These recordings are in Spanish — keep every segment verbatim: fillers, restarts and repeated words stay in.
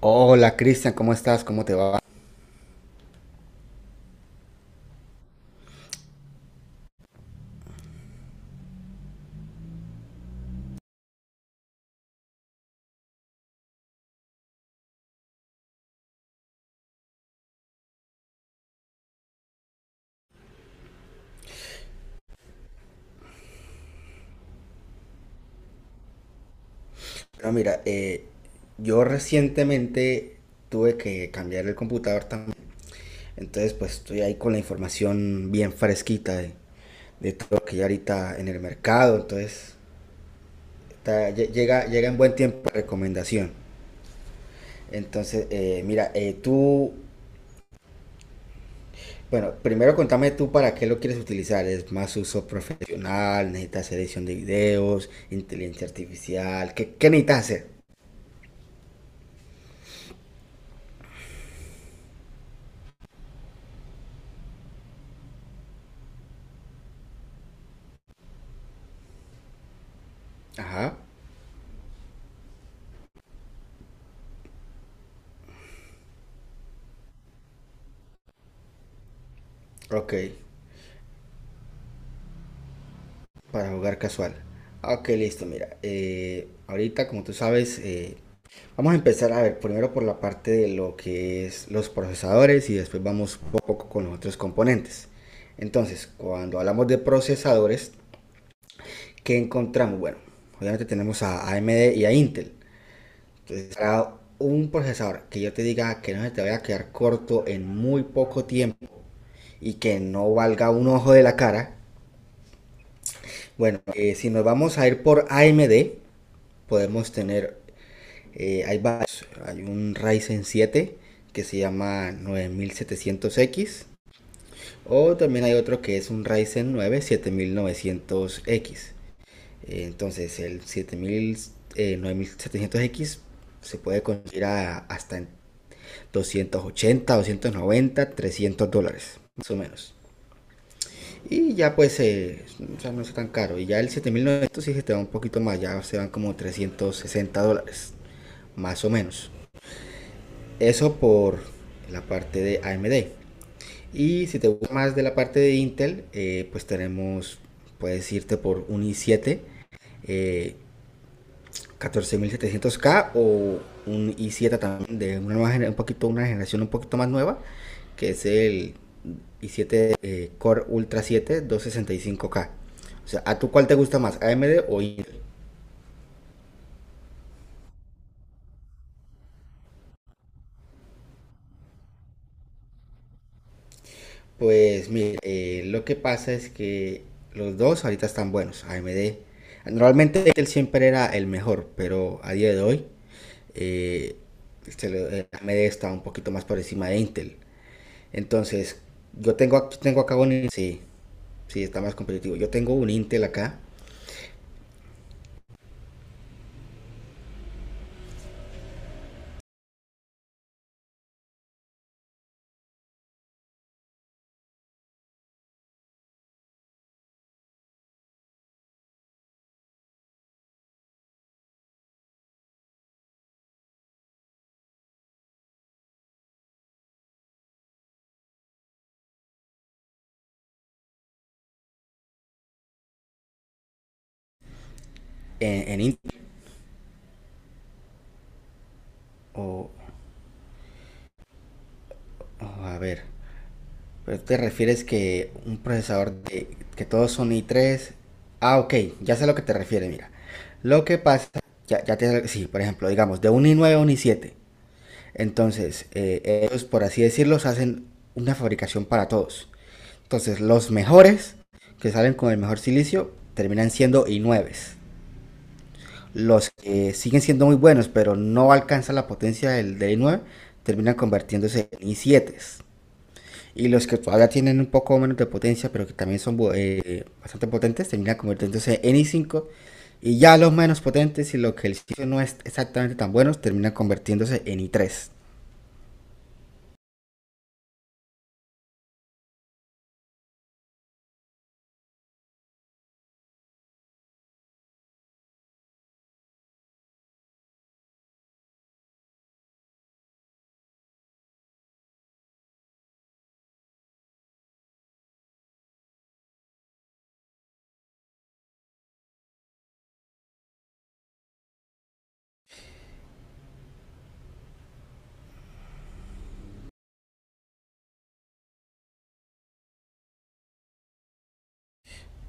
Hola Cristian, ¿cómo estás? ¿Cómo te va? Bueno, mira, eh, yo recientemente tuve que cambiar el computador también, entonces pues estoy ahí con la información bien fresquita de, de todo lo que hay ahorita en el mercado, entonces está- lle- llega, llega en buen tiempo la recomendación. Entonces, eh, mira, eh, tú, bueno, primero contame tú para qué lo quieres utilizar, ¿es más uso profesional? ¿Necesitas edición de videos? ¿Inteligencia artificial? ¿Qué, qué necesitas hacer? Ajá, ok. Para jugar casual. Ah, ok, listo, mira. eh, ahorita, como tú sabes, eh, vamos a empezar a ver primero por la parte de lo que es los procesadores y después vamos poco a poco con los otros componentes. Entonces, cuando hablamos de procesadores, ¿qué encontramos? Bueno, obviamente tenemos a AMD y a Intel. Entonces, para un procesador que yo te diga que no se te vaya a quedar corto en muy poco tiempo y que no valga un ojo de la cara, bueno, eh, si nos vamos a ir por A M D, podemos tener, eh, hay varios, hay un Ryzen siete que se llama nueve mil setecientos x o también hay otro que es un Ryzen nueve siete mil novecientos x, entonces el nueve mil setecientos x se puede conseguir a- hasta en doscientos ochenta, doscientos noventa, trescientos dólares, más o menos. Y ya pues, eh, o sea, no es tan caro. Y ya el siete mil novecientos sí se te va un poquito más, ya se van como trescientos sesenta dólares, más o menos. Eso por la parte de A M D. Y si te gusta más de la parte de Intel, eh, pues tenemos, puedes irte por un i siete eh, catorce mil setecientos K o un i siete también de una, nueva, un poquito, una generación un poquito más nueva, que es el i siete eh, Core Ultra 7 265K. O sea, ¿a tú cuál te gusta más, A M D o Intel? Pues mire, eh, lo que pasa es que los dos ahorita están buenos, A M D. Normalmente él siempre era el mejor, pero a día de hoy eh, se le- eh, A M D está un poquito más por encima de Intel. Entonces, yo tengo, ac- tengo acá un Intel. Sí, sí, está más competitivo. Yo tengo un Intel acá, en, en Intel, o o a ver. Pero te refieres que un procesador de que todos son i tres. Ah, ok, ya sé a lo que te refieres, mira. Lo que pasa, ya, ya te, sí, por ejemplo, digamos, de un i nueve a un i siete. Entonces, eh, ellos, por así decirlo, hacen una fabricación para todos. Entonces, los mejores, que salen con el mejor silicio, terminan siendo i nueves. Los que siguen siendo muy buenos, pero no alcanzan la potencia del, del i nueve, terminan convirtiéndose en i sietes. Y los que todavía tienen un poco menos de potencia, pero que también son eh, bastante potentes, terminan convirtiéndose en i cinco. Y ya los menos potentes y lo que el sitio no es exactamente tan buenos, terminan convirtiéndose en i tres.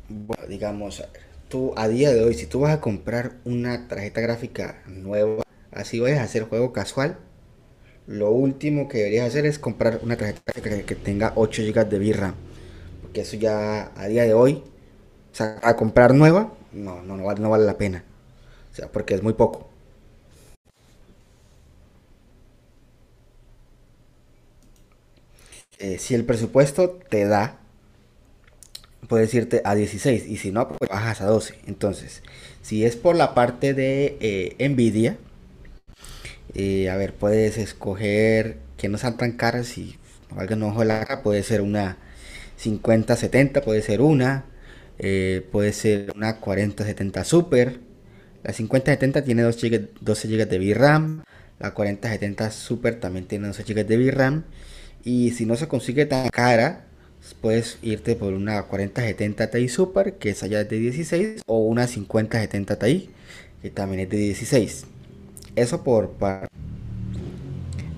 Bueno, digamos, tú a día de hoy, si tú vas a comprar una tarjeta gráfica nueva, así vayas a hacer juego casual, lo último que deberías hacer es comprar una tarjeta gráfica que tenga ocho gigas de VRAM. Porque eso ya a día de hoy, o sea, a comprar nueva, no, no, no, vale, no vale la pena. O sea, porque es muy poco. eh, si el presupuesto te da, puedes irte a dieciséis, y si no, pues bajas a doce. Entonces, si es por la parte de eh, Nvidia, eh, a ver, puedes escoger que no sean tan caras y valgan un ojo de la cara. Puede ser una cincuenta setenta, puede ser una. eh, puede ser una cuarenta setenta Super. La cincuenta setenta tiene dos gigas doce gigas de VRAM. La cuarenta setenta Super también tiene doce gigas de VRAM. Y si no se consigue tan cara, puedes irte por una cuarenta setenta Ti Super, que esa ya es de dieciséis, o una cincuenta setenta Ti, que también es de dieciséis. Eso por,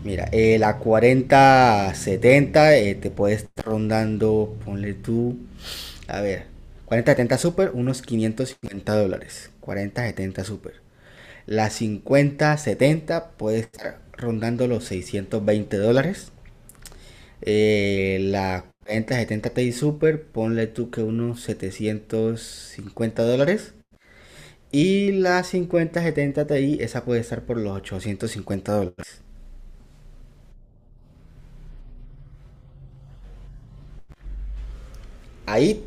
mira, eh, la cuarenta setenta eh, te puede estar rondando, ponle tú, a ver, cuarenta setenta Super, unos quinientos cincuenta dólares. cuarenta setenta Super. La cincuenta setenta puede estar rondando los seiscientos veinte dólares. Eh, la cuarenta setenta Ti Super, ponle tú que unos setecientos cincuenta dólares. Y la cincuenta setenta Ti, esa puede estar por los ochocientos cincuenta dólares. Ahí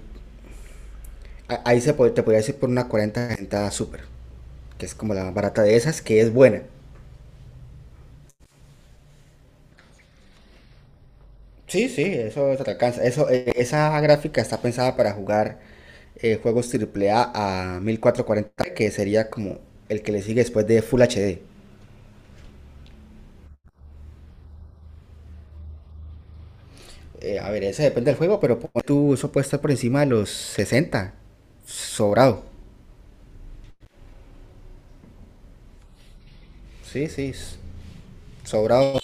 A- Ahí se pod- te podría decir por una cuarenta super, que es como la más barata de esas, que es buena. Sí, sí, eso te alcanza. Eso, eh, esa gráfica está pensada para jugar eh, juegos triple a a catorce cuarenta, que sería como el que le sigue después de Full H D. Eh, a ver, eso depende del juego, pero pon tú, eso puede estar por encima de los sesenta. Sobrado. Sí, sí, s- sobrado.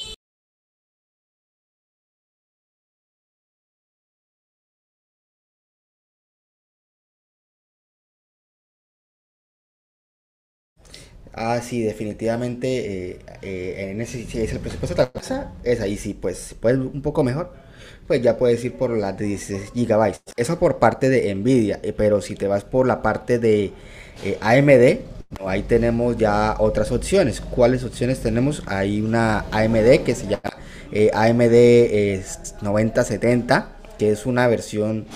Ah, sí, definitivamente, eh, eh, en ese, si es el presupuesto de la casa, es ahí sí, pues si puedes un poco mejor, pues ya puedes ir por las de dieciséis gigabytes. Eso por parte de Nvidia, eh, pero si te vas por la parte de eh, A M D, no, ahí tenemos ya otras opciones. ¿Cuáles opciones tenemos? Hay una A M D que se llama eh, A M D eh, noventa setenta, que es una versión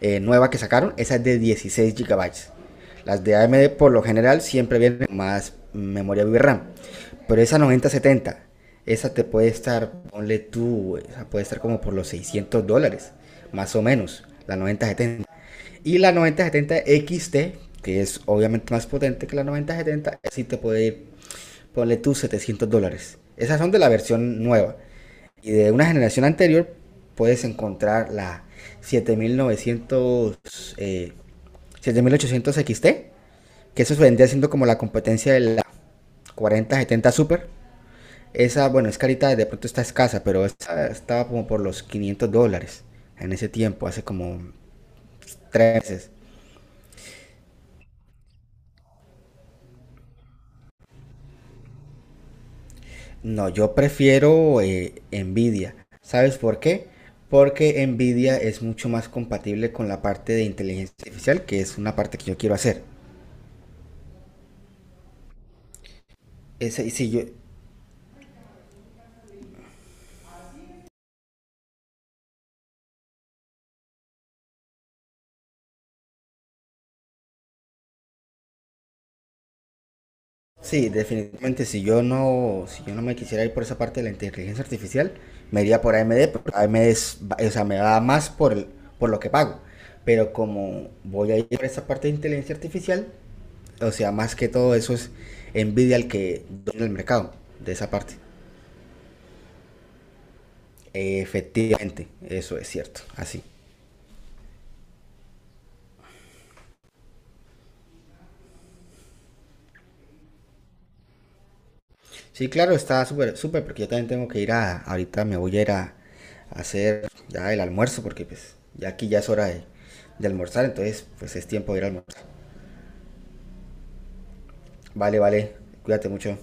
eh, nueva que sacaron, esa es de dieciséis gigabytes. Las de A M D por lo general siempre vienen más memoria VRAM. Pero esa noventa setenta, esa te puede estar, ponle tú, esa puede estar como por los seiscientos dólares, más o menos, la noventa setenta. Y la noventa setenta X T, que es obviamente más potente que la noventa setenta, sí te puede ir, ponle tú, setecientos dólares. Esas son de la versión nueva. Y de una generación anterior puedes encontrar la siete mil novecientos, eh, siete mil ochocientos X T, que eso se vendría siendo como la competencia de la cuarenta setenta Super. Esa, bueno, es carita, de pronto está escasa, pero esta estaba como por los quinientos dólares en ese tiempo, hace como tres meses. No, yo prefiero eh, Nvidia. ¿Sabes por qué? Porque Nvidia es mucho más compatible con la parte de inteligencia artificial, que es una parte que yo quiero hacer. Ese, si yo, Sí, definitivamente, si yo no, si yo no me quisiera ir por esa parte de la inteligencia artificial, me iría por A M D, porque A M D es, o sea, me da más por el- por lo que pago. Pero como voy a ir por esa parte de inteligencia artificial, o sea, más que todo eso es Nvidia el que domina el mercado de esa parte. Efectivamente, eso es cierto, así. Sí, claro, está súper, súper, porque yo también tengo que ir a, ahorita me voy a ir a, a hacer ya el almuerzo, porque pues ya aquí ya es hora de, de almorzar, entonces pues es tiempo de ir a almorzar. Vale, vale, cuídate mucho.